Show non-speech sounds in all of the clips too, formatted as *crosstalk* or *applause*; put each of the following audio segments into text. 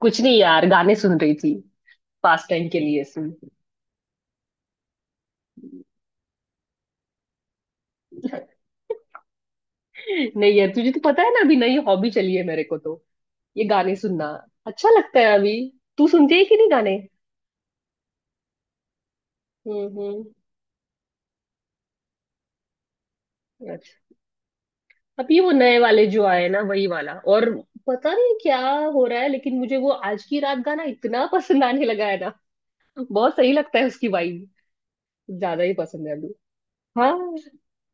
कुछ नहीं यार, गाने सुन रही थी। पास टाइम के लिए सुन। *laughs* नहीं यार, तुझे तो पता है ना, अभी नई हॉबी चली है मेरे को तो। ये गाने सुनना अच्छा लगता है अभी। तू सुनती है कि नहीं गाने? हम्म, हम्म। अच्छा। अब ये वो नए वाले जो आए ना, वही वाला। और पता नहीं क्या हो रहा है, लेकिन मुझे वो आज की रात गाना इतना *laughs* पसंद आने लगा है ना। बहुत सही लगता है उसकी वाइब। ज्यादा ही पसंद है अभी। हाँ,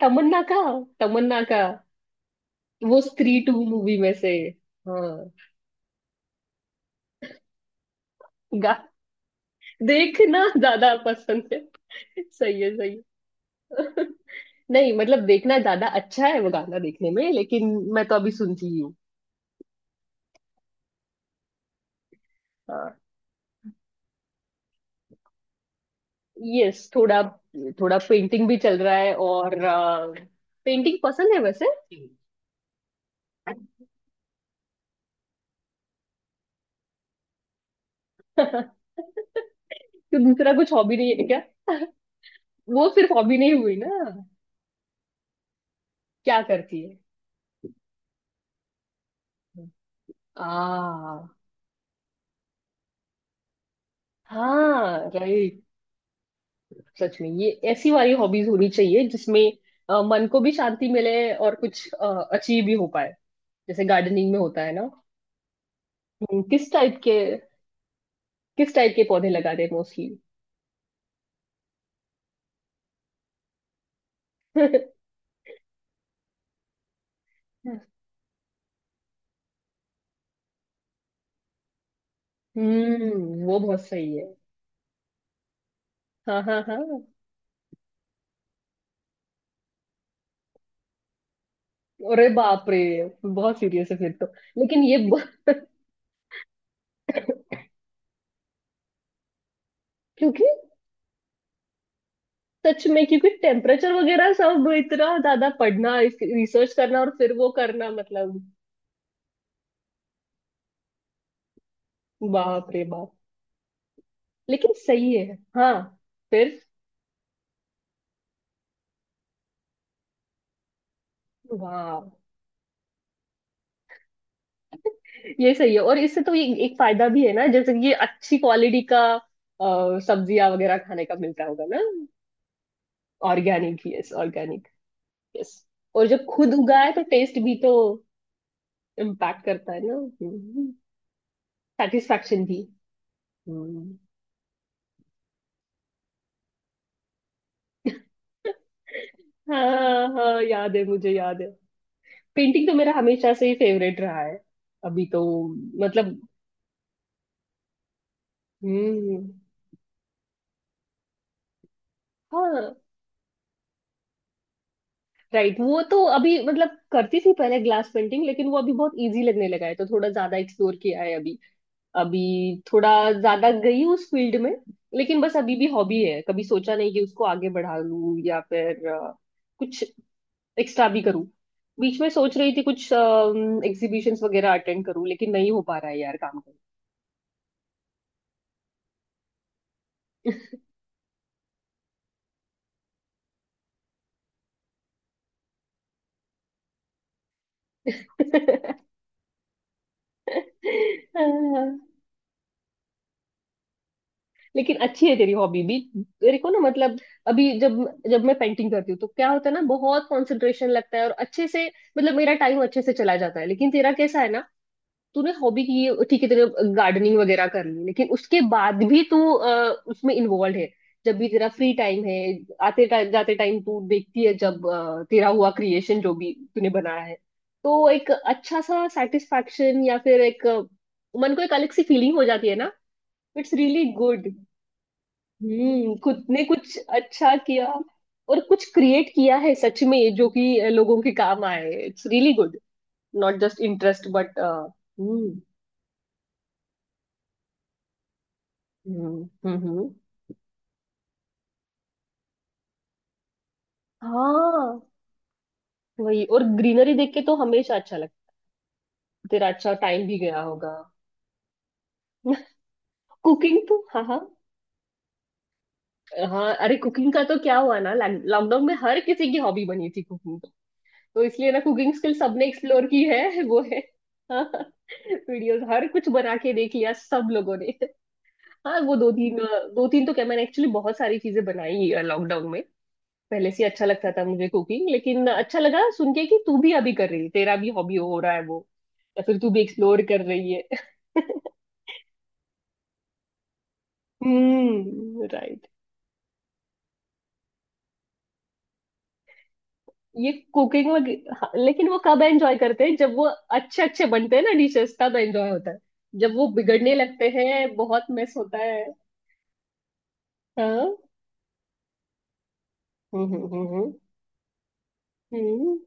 तमन्ना का। तमन्ना का, वो स्त्री टू मूवी में से। हाँ। देखना ज्यादा पसंद है। सही है, सही है। नहीं मतलब, देखना ज्यादा अच्छा है वो गाना देखने में, लेकिन मैं तो अभी सुनती ही हूँ। यस, थोड़ा थोड़ा पेंटिंग भी चल रहा है। और पेंटिंग पसंद है वैसे? *laughs* तो दूसरा कुछ हॉबी नहीं है क्या? वो सिर्फ हॉबी नहीं हुई ना। क्या करती है? आ हाँ, राइट। सच में, ये ऐसी वाली हॉबीज होनी चाहिए जिसमें मन को भी शांति मिले और कुछ अचीव भी हो पाए। जैसे गार्डनिंग में होता है ना। हम्म, किस टाइप के किस टाइप के पौधे लगा रहे मोस्टली? वो बहुत सही है। हाँ, हाँ, हाँ। अरे बाप रे, बहुत सीरियस है फिर तो। लेकिन ये *laughs* क्योंकि सच में क्योंकि टेम्परेचर वगैरह सब इतना ज्यादा पढ़ना, रिसर्च करना और फिर वो करना मतलब। बाप रे बाप। लेकिन सही है। हाँ, फिर वाह। ये सही है। और इससे तो ये एक फायदा भी है ना, जैसे कि ये अच्छी क्वालिटी का, सब्जियां वगैरह खाने का मिलता होगा ना। Organic, yes. ऑर्गेनिक। यस। और जब खुद उगा है तो टेस्ट भी तो इम्पैक्ट करता है ना। सेटिस्फेक्शन भी। हम्म। हाँ हाँ, याद है मुझे, याद है। पेंटिंग तो मेरा हमेशा से ही फेवरेट रहा है। अभी तो, मतलब, हम्म। हाँ, राइट। वो तो अभी मतलब करती थी पहले ग्लास पेंटिंग, लेकिन वो अभी बहुत इजी लगने लगा है, तो थोड़ा ज्यादा एक्सप्लोर किया है अभी अभी थोड़ा ज्यादा गई हूँ उस फील्ड में। लेकिन बस अभी भी हॉबी है। कभी सोचा नहीं कि उसको आगे बढ़ा लूँ या फिर कुछ एक्स्ट्रा भी करूँ। बीच में सोच रही थी कुछ एग्जीबिशंस वगैरह अटेंड करूँ, लेकिन नहीं हो पा रहा है यार काम करना। *laughs* लेकिन अच्छी है तेरी हॉबी भी। तेरे को ना मतलब, अभी जब जब मैं पेंटिंग करती हूँ तो क्या होता है ना, बहुत कंसंट्रेशन लगता है और अच्छे से मतलब मेरा टाइम अच्छे से चला जाता है। लेकिन तेरा कैसा है ना। तूने हॉबी की है, ठीक है, तेरे गार्डनिंग वगैरह कर ली, लेकिन उसके बाद भी तू उसमें इन्वॉल्व है। जब भी तेरा फ्री टाइम है, आते टाइम जाते टाइम तू देखती है, जब तेरा हुआ क्रिएशन जो भी तूने बनाया है। तो एक अच्छा सा सेटिस्फैक्शन या फिर एक मन को एक अलग सी फीलिंग हो जाती है ना। It's really good. खुद ने कुछ अच्छा किया। और कुछ क्रिएट किया है सच में जो कि लोगों के काम आए। It's really good, not just interest but, hmm, hmm, hmm, हाँ वही। और ग्रीनरी देख के तो हमेशा अच्छा लगता। तेरा अच्छा टाइम भी गया होगा। *laughs* कुकिंग तो, हाँ हाँ। हाँ अरे, कुकिंग का तो क्या हुआ ना, लॉकडाउन में हर किसी की हॉबी बनी थी कुकिंग। तो इसलिए ना कुकिंग स्किल सबने एक्सप्लोर की है। वो है। *laughs* वीडियोस हर कुछ बना के देख लिया सब लोगों ने। हाँ वो दो तीन। दो तीन तो क्या, मैंने एक्चुअली बहुत सारी चीजें बनाई लॉकडाउन में। पहले से ही अच्छा लगता था मुझे कुकिंग, लेकिन अच्छा लगा सुन के कि तू भी अभी कर रही है, तेरा भी हॉबी हो रहा है वो, या फिर तू भी एक्सप्लोर कर रही है। *laughs* हम्म, राइट। ये कुकिंग वगैरह, हाँ, लेकिन वो कब एंजॉय करते हैं जब वो अच्छे अच्छे बनते हैं ना डिशेस, तब एंजॉय होता है। जब वो बिगड़ने लगते हैं बहुत मिस होता है। हाँ, हम्म, हम्म, हम्म,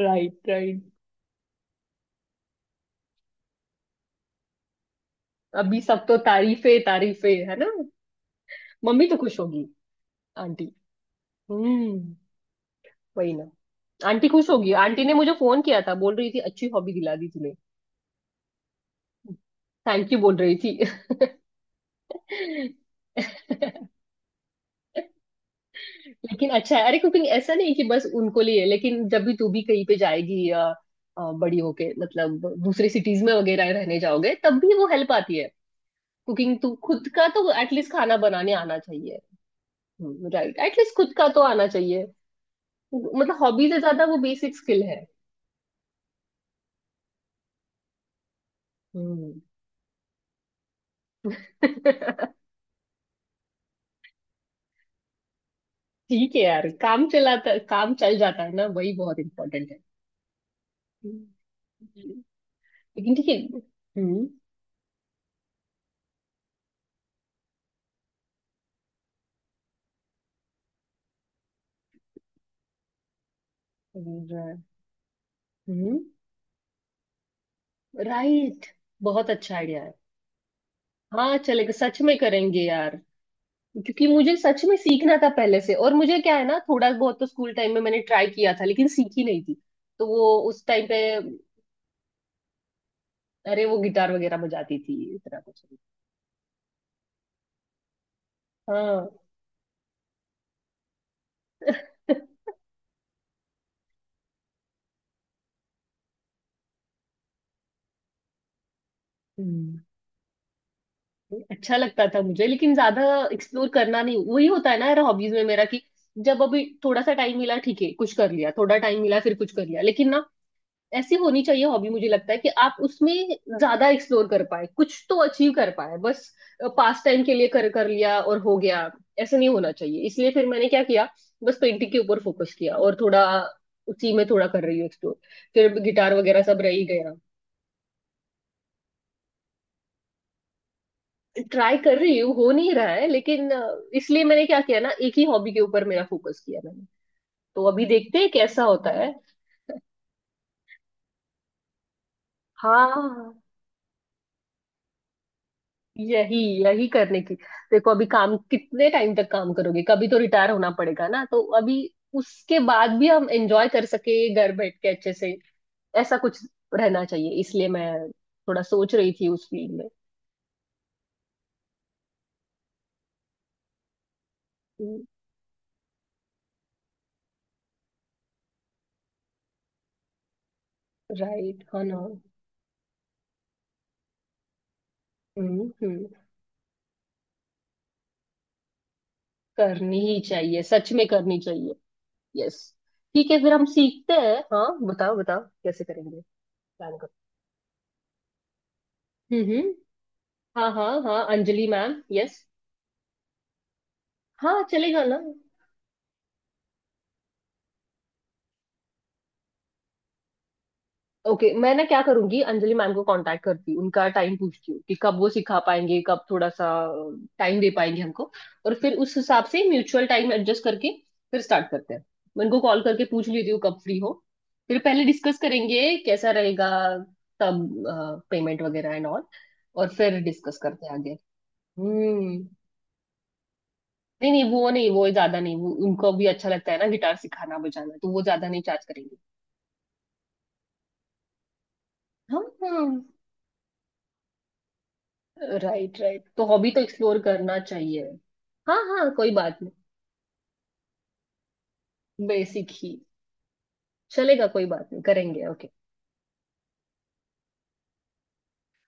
राइट, राइट। अभी सब तो तारीफे तारीफे है ना। मम्मी तो खुश होगी, आंटी। हम्म। वही ना। आंटी खुश होगी, आंटी ने मुझे फोन किया था, बोल रही थी अच्छी हॉबी दिला दी तूने। थैंक यू बोल रही थी। *laughs* लेकिन अच्छा है, अरे कुकिंग ऐसा नहीं कि बस उनको लिए, लेकिन जब भी तू भी कहीं पे जाएगी या बड़ी होके मतलब दूसरे सिटीज में वगैरह रहने जाओगे, तब भी वो हेल्प आती है। कुकिंग, तू खुद का तो एटलीस्ट खाना बनाने आना चाहिए। राइट, एटलीस्ट खुद का तो आना चाहिए। मतलब हॉबी से ज्यादा वो बेसिक स्किल है। हम्म। *laughs* ठीक है यार, काम चल जाता है ना, वही बहुत इम्पोर्टेंट है। हम्म। लेकिन ठीक है। हम्म और, हम्म, राइट, बहुत अच्छा आइडिया है। हाँ, चलेगा, सच में करेंगे यार। क्योंकि मुझे सच में सीखना था पहले से, और मुझे क्या है ना, थोड़ा बहुत तो स्कूल टाइम में मैंने ट्राई किया था लेकिन सीखी नहीं थी। तो वो उस टाइम पे, अरे वो गिटार वगैरह बजाती थी इतना कुछ। हाँ। *laughs* हम्म। अच्छा लगता था मुझे, लेकिन ज्यादा एक्सप्लोर करना नहीं। वही होता है ना यार, हॉबीज में मेरा कि जब अभी थोड़ा सा टाइम मिला, ठीक है कुछ कर लिया, थोड़ा टाइम मिला फिर कुछ कर लिया, लेकिन ना। ऐसी होनी चाहिए हॉबी, मुझे लगता है कि आप उसमें ज्यादा एक्सप्लोर कर पाए, कुछ तो अचीव कर पाए। बस पास टाइम के लिए कर कर लिया और हो गया, ऐसा नहीं होना चाहिए। इसलिए फिर मैंने क्या किया, बस पेंटिंग के ऊपर फोकस किया और थोड़ा, उसी में थोड़ा कर रही हूँ एक्सप्लोर। फिर गिटार वगैरह सब रह ही गया। ट्राई कर रही हूँ हो नहीं रहा है, लेकिन इसलिए मैंने क्या किया ना, एक ही हॉबी के ऊपर मेरा फोकस किया मैंने। तो अभी देखते हैं कैसा होता है। हाँ, यही, यही करने की। देखो अभी, काम कितने टाइम तक काम करोगे, कभी तो रिटायर होना पड़ेगा ना, तो अभी उसके बाद भी हम एंजॉय कर सके, घर बैठ के अच्छे से, ऐसा कुछ रहना चाहिए। इसलिए मैं थोड़ा सोच रही थी उस फील्ड में। राइट, हाँ ना, हम्म, हम्म। करनी ही चाहिए, सच में करनी चाहिए। यस, ठीक है, फिर हम सीखते हैं। हाँ, बताओ बताओ कैसे करेंगे, प्लान करो। हम्म, हाँ हाँ हाँ, अंजलि मैम, यस। हाँ चलेगा ना। ओके, मैं ना क्या करूंगी, अंजलि मैम को कांटेक्ट करती हूँ, उनका टाइम पूछती हूँ कि कब वो सिखा पाएंगे, कब थोड़ा सा टाइम दे पाएंगे हमको। और फिर उस हिसाब से म्यूचुअल टाइम एडजस्ट करके फिर स्टार्ट करते हैं। मैं उनको कॉल करके पूछ लेती हूँ कब फ्री हो। फिर पहले डिस्कस करेंगे कैसा रहेगा, तब पेमेंट वगैरह एंड ऑल, और फिर डिस्कस करते हैं आगे। हम्म। नहीं नहीं, वो नहीं, वो ज्यादा नहीं, वो उनको भी अच्छा लगता है ना गिटार सिखाना बजाना, तो वो ज्यादा नहीं चार्ज करेंगे। हाँ हाँ, राइट राइट। तो हॉबी तो एक्सप्लोर करना चाहिए। हाँ हाँ कोई बात नहीं। बेसिक ही चलेगा, कोई बात नहीं, करेंगे। ओके,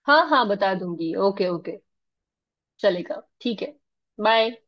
हाँ हाँ बता दूंगी। ओके ओके, चलेगा, ठीक है। बाय।